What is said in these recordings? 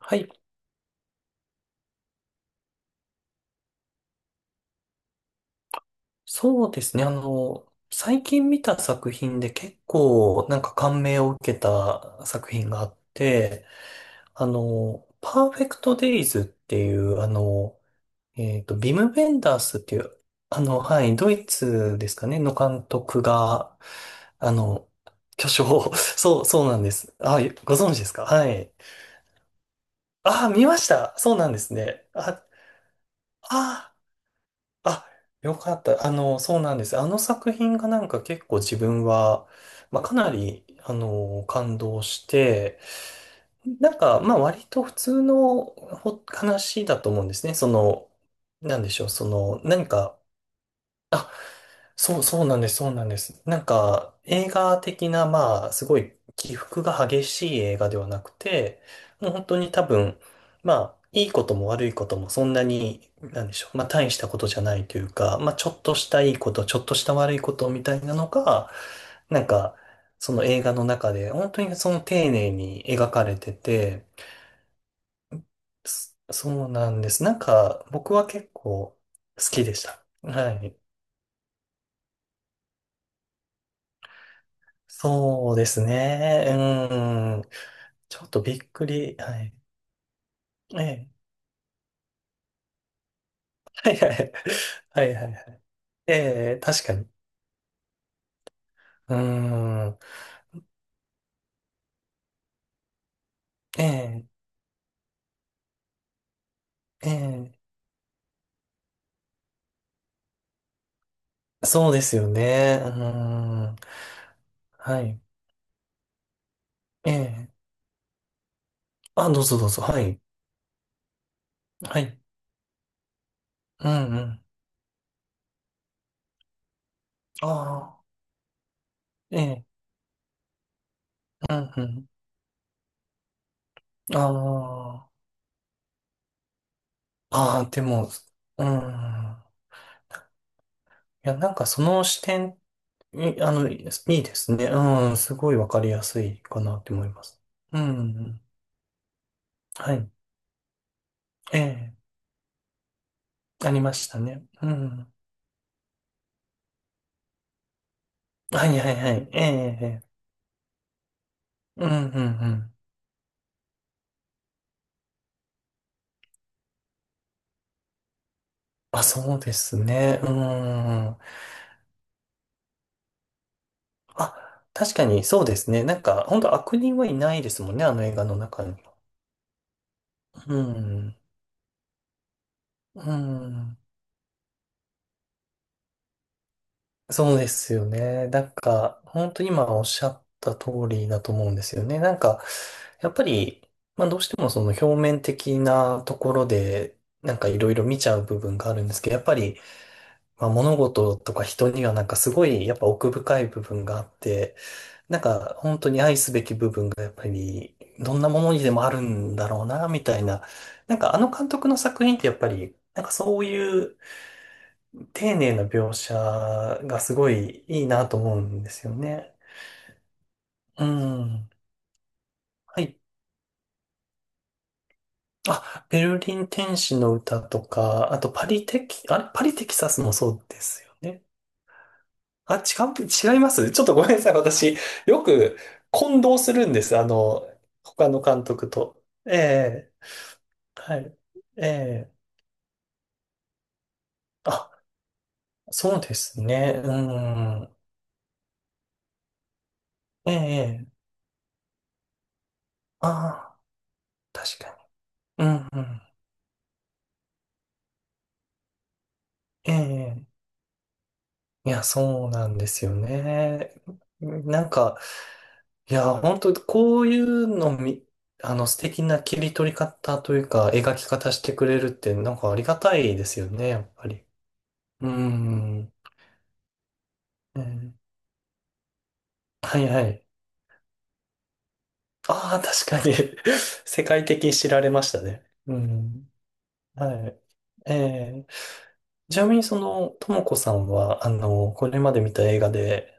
はい。そうですね。最近見た作品で結構なんか感銘を受けた作品があって、パーフェクトデイズっていう、ビム・ベンダースっていう、はい、ドイツですかね、の監督が、あの、巨匠を、そうなんです。あ、ご存知ですか？はい。あ、見ました。そうなんですね。あ、ああ、よかった。そうなんです。あの作品がなんか結構自分は、まあ、かなり、感動して、なんか、まあ、割と普通の話だと思うんですね。その、なんでしょう、その、何か、そう、そうなんです、そうなんです。なんか、映画的な、まあ、すごい起伏が激しい映画ではなくて、もう本当に多分、まあ、いいことも悪いこともそんなに、なんでしょう、まあ、大したことじゃないというか、まあ、ちょっとしたいいこと、ちょっとした悪いことみたいなのが、なんか、その映画の中で、本当にその丁寧に描かれてて、そうなんです。なんか、僕は結構好きでした。はい。そうですね。うん。ちょっとびっくり。はい。ええ。はいはい。はいはいはい。ええ、確かに。うん。ええ、ええ。そうですよね。うん。はい。ええ。あ、どうぞどうぞ。はい。はい。うんうん。ああ。ええ。うんうん。ああ。ああ、でも、うん。いや、なんかその視点、いいですいいですね。うん、すごいわかりやすいかなって思います。うん、はい。ええ、ありましたね。うん。はいはいはい。ええ、ええうん、うん、うん。あ、そうですね。うん。あ、確かにそうですね。なんか、本当悪人はいないですもんね、あの映画の中には。うん、うん。そうですよね。なんか、本当に今おっしゃった通りだと思うんですよね。なんか、やっぱり、まあどうしてもその表面的なところで、なんかいろいろ見ちゃう部分があるんですけど、やっぱり、まあ物事とか人にはなんかすごいやっぱ奥深い部分があって、なんか本当に愛すべき部分がやっぱり、どんなものにでもあるんだろうな、みたいな。なんかあの監督の作品ってやっぱり、なんかそういう丁寧な描写がすごいいいなと思うんですよね。うん。はい。あ、ベルリン天使の歌とか、あとパリテキ、あれ、パリテキサスもそうですよね。あ、う、違いますちょっとごめんなさい。私、よく混同するんです。他の監督と。ええ、はい。ええ、あ、そうですね。うん。ええ、ああ、確かに。うん、うん。ええいや、そうなんですよね。なんか、いや、本当こういうのみ、素敵な切り取り方というか、描き方してくれるって、なんかありがたいですよね、やっぱり。うん。うんはいはい。ああ、確かに 世界的に知られましたね。うん。はい。ええちなみにともこさんは、これまで見た映画で、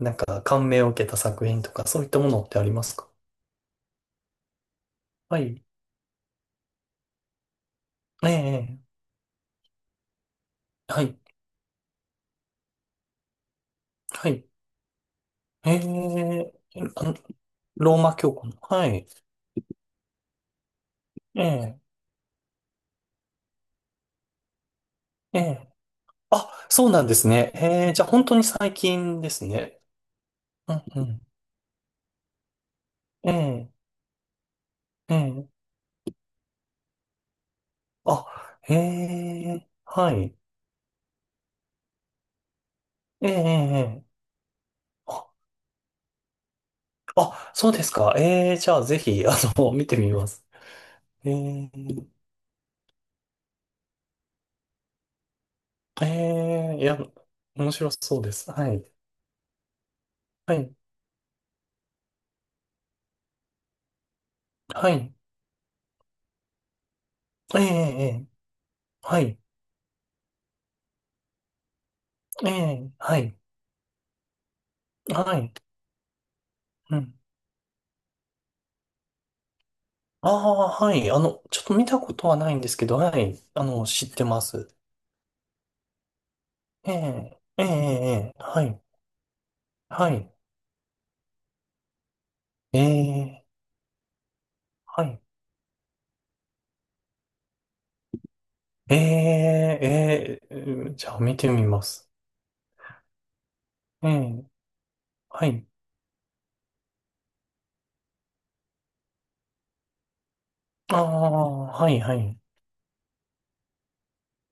なんか感銘を受けた作品とか、そういったものってありますか？はい。えええはい。はい。ええ、あのローマ教皇の。はい。ええ、ええ。あ、そうなんですね。ええ、じゃあ本当に最近ですね。うん、うん。ええ、ええ。あ、ええ、はい。ええ、ええ。あ、あそうですか。ええ、じゃあぜひ、見てみます。ええ、ええ、いや、面白そうです。はい。はい。はい。ええ、ええ。はい。ええ、はい。はい。うんああ、はい。ちょっと見たことはないんですけど、はい。知ってます。ええ、ええ、ええ、はい。はい。ええ、はい。ええ、ええ、うんじゃあ見てみます。ええ、はい。ああ、はい、はい。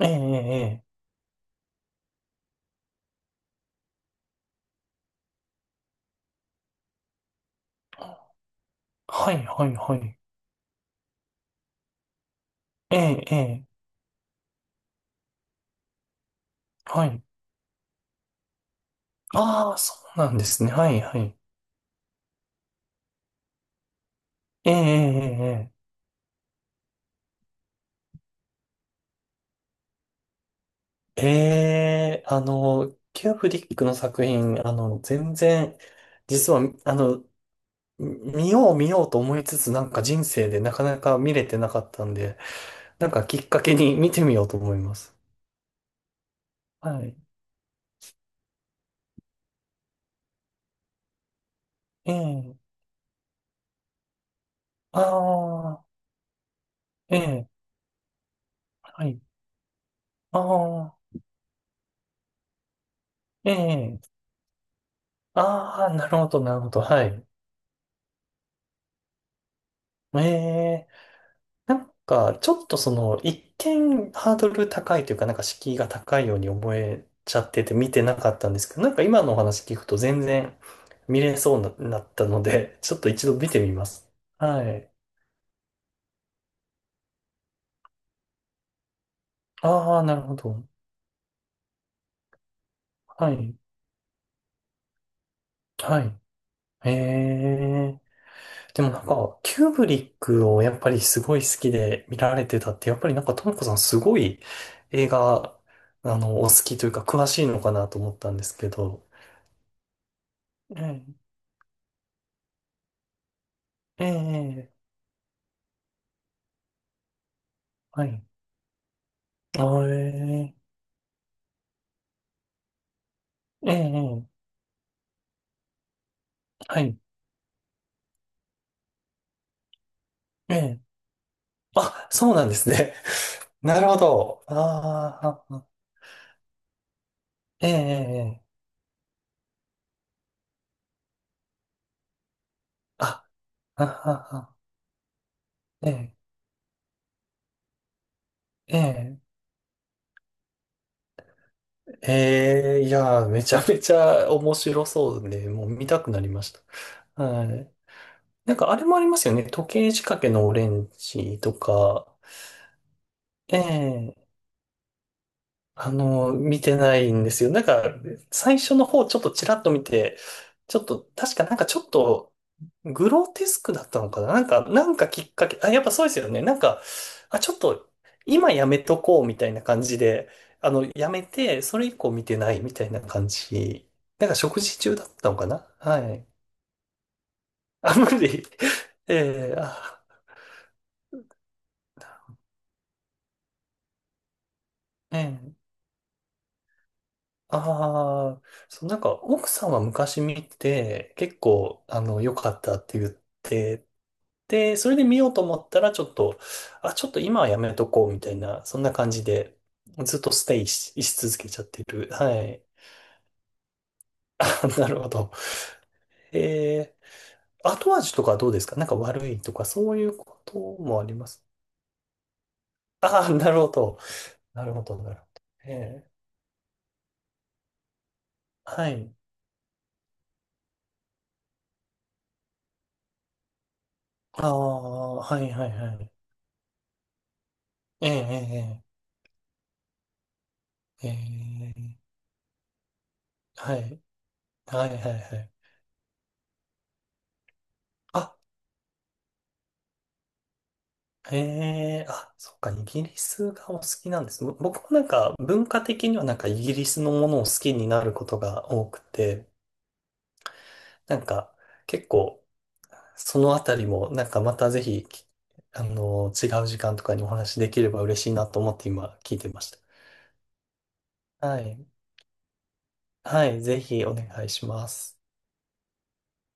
ええ、ええ、はい、はい、はい。ええ、ええ、はい。ああ、そうなんですね。はい、はい。ええ、ええ、ええ、ええキューブリックの作品、全然、実は、見よう見ようと思いつつ、なんか人生でなかなか見れてなかったんで、なんかきっかけに見てみようと思います。はい。ええ。ああ、ええ。はい。ああ、ええ。ああ、なるほど、なるほど。はい。ええ。なんか、ちょっと一見ハードル高いというか、なんか敷居が高いように思えちゃってて見てなかったんですけど、なんか今のお話聞くと全然見れそうにななったので、ちょっと一度見てみます。はい。ああ、なるほど。はい。はい。へえ。でもなんか、キューブリックをやっぱりすごい好きで見られてたって、やっぱりなんか、ともこさんすごい映画、お好きというか、詳しいのかなと思ったんですけど。ええ、ええ、ええはい。あええ、ええ、はい。ええ。あ、そうなんですね。なるほど。ああ、ええ、ええ、ええあ、あ、あ、あええ、ええ。ええいやー、めちゃめちゃ面白そうで、もう見たくなりました。はい。なんかあれもありますよね。時計仕掛けのオレンジとか。ええ見てないんですよ。なんか、最初の方ちょっとちらっと見て、ちょっと、確かなんかちょっと、グロテスクだったのかな？なんか、なんかきっかけ、あ、やっぱそうですよね。なんか、あ、ちょっと、今やめとこうみたいな感じで、やめて、それ以降見てないみたいな感じ。なんか食事中だったのかな？はい。あ、無理。ええあ、ええああ、そう、なんか奥さんは昔見て、結構、良かったって言って、で、それで見ようと思ったら、ちょっと、あ、ちょっと今はやめとこう、みたいな、そんな感じで、ずっとステイし続けちゃってる。はい。あなるほど。え後味とかどうですか？なんか悪いとか、そういうこともあります？ああ、なるほど。なるほど、なるほど。えー、はい。ああ、はい、はい、はい。ええええええええはい。はいはいはい。あ、へえ、あ、そっか、イギリスがお好きなんですね。僕もなんか文化的にはなんかイギリスのものを好きになることが多くて、なんか結構そのあたりもなんかまたぜひ、きあの、違う時間とかにお話できれば嬉しいなと思って今聞いてました。はい。はい、ぜひお願いします。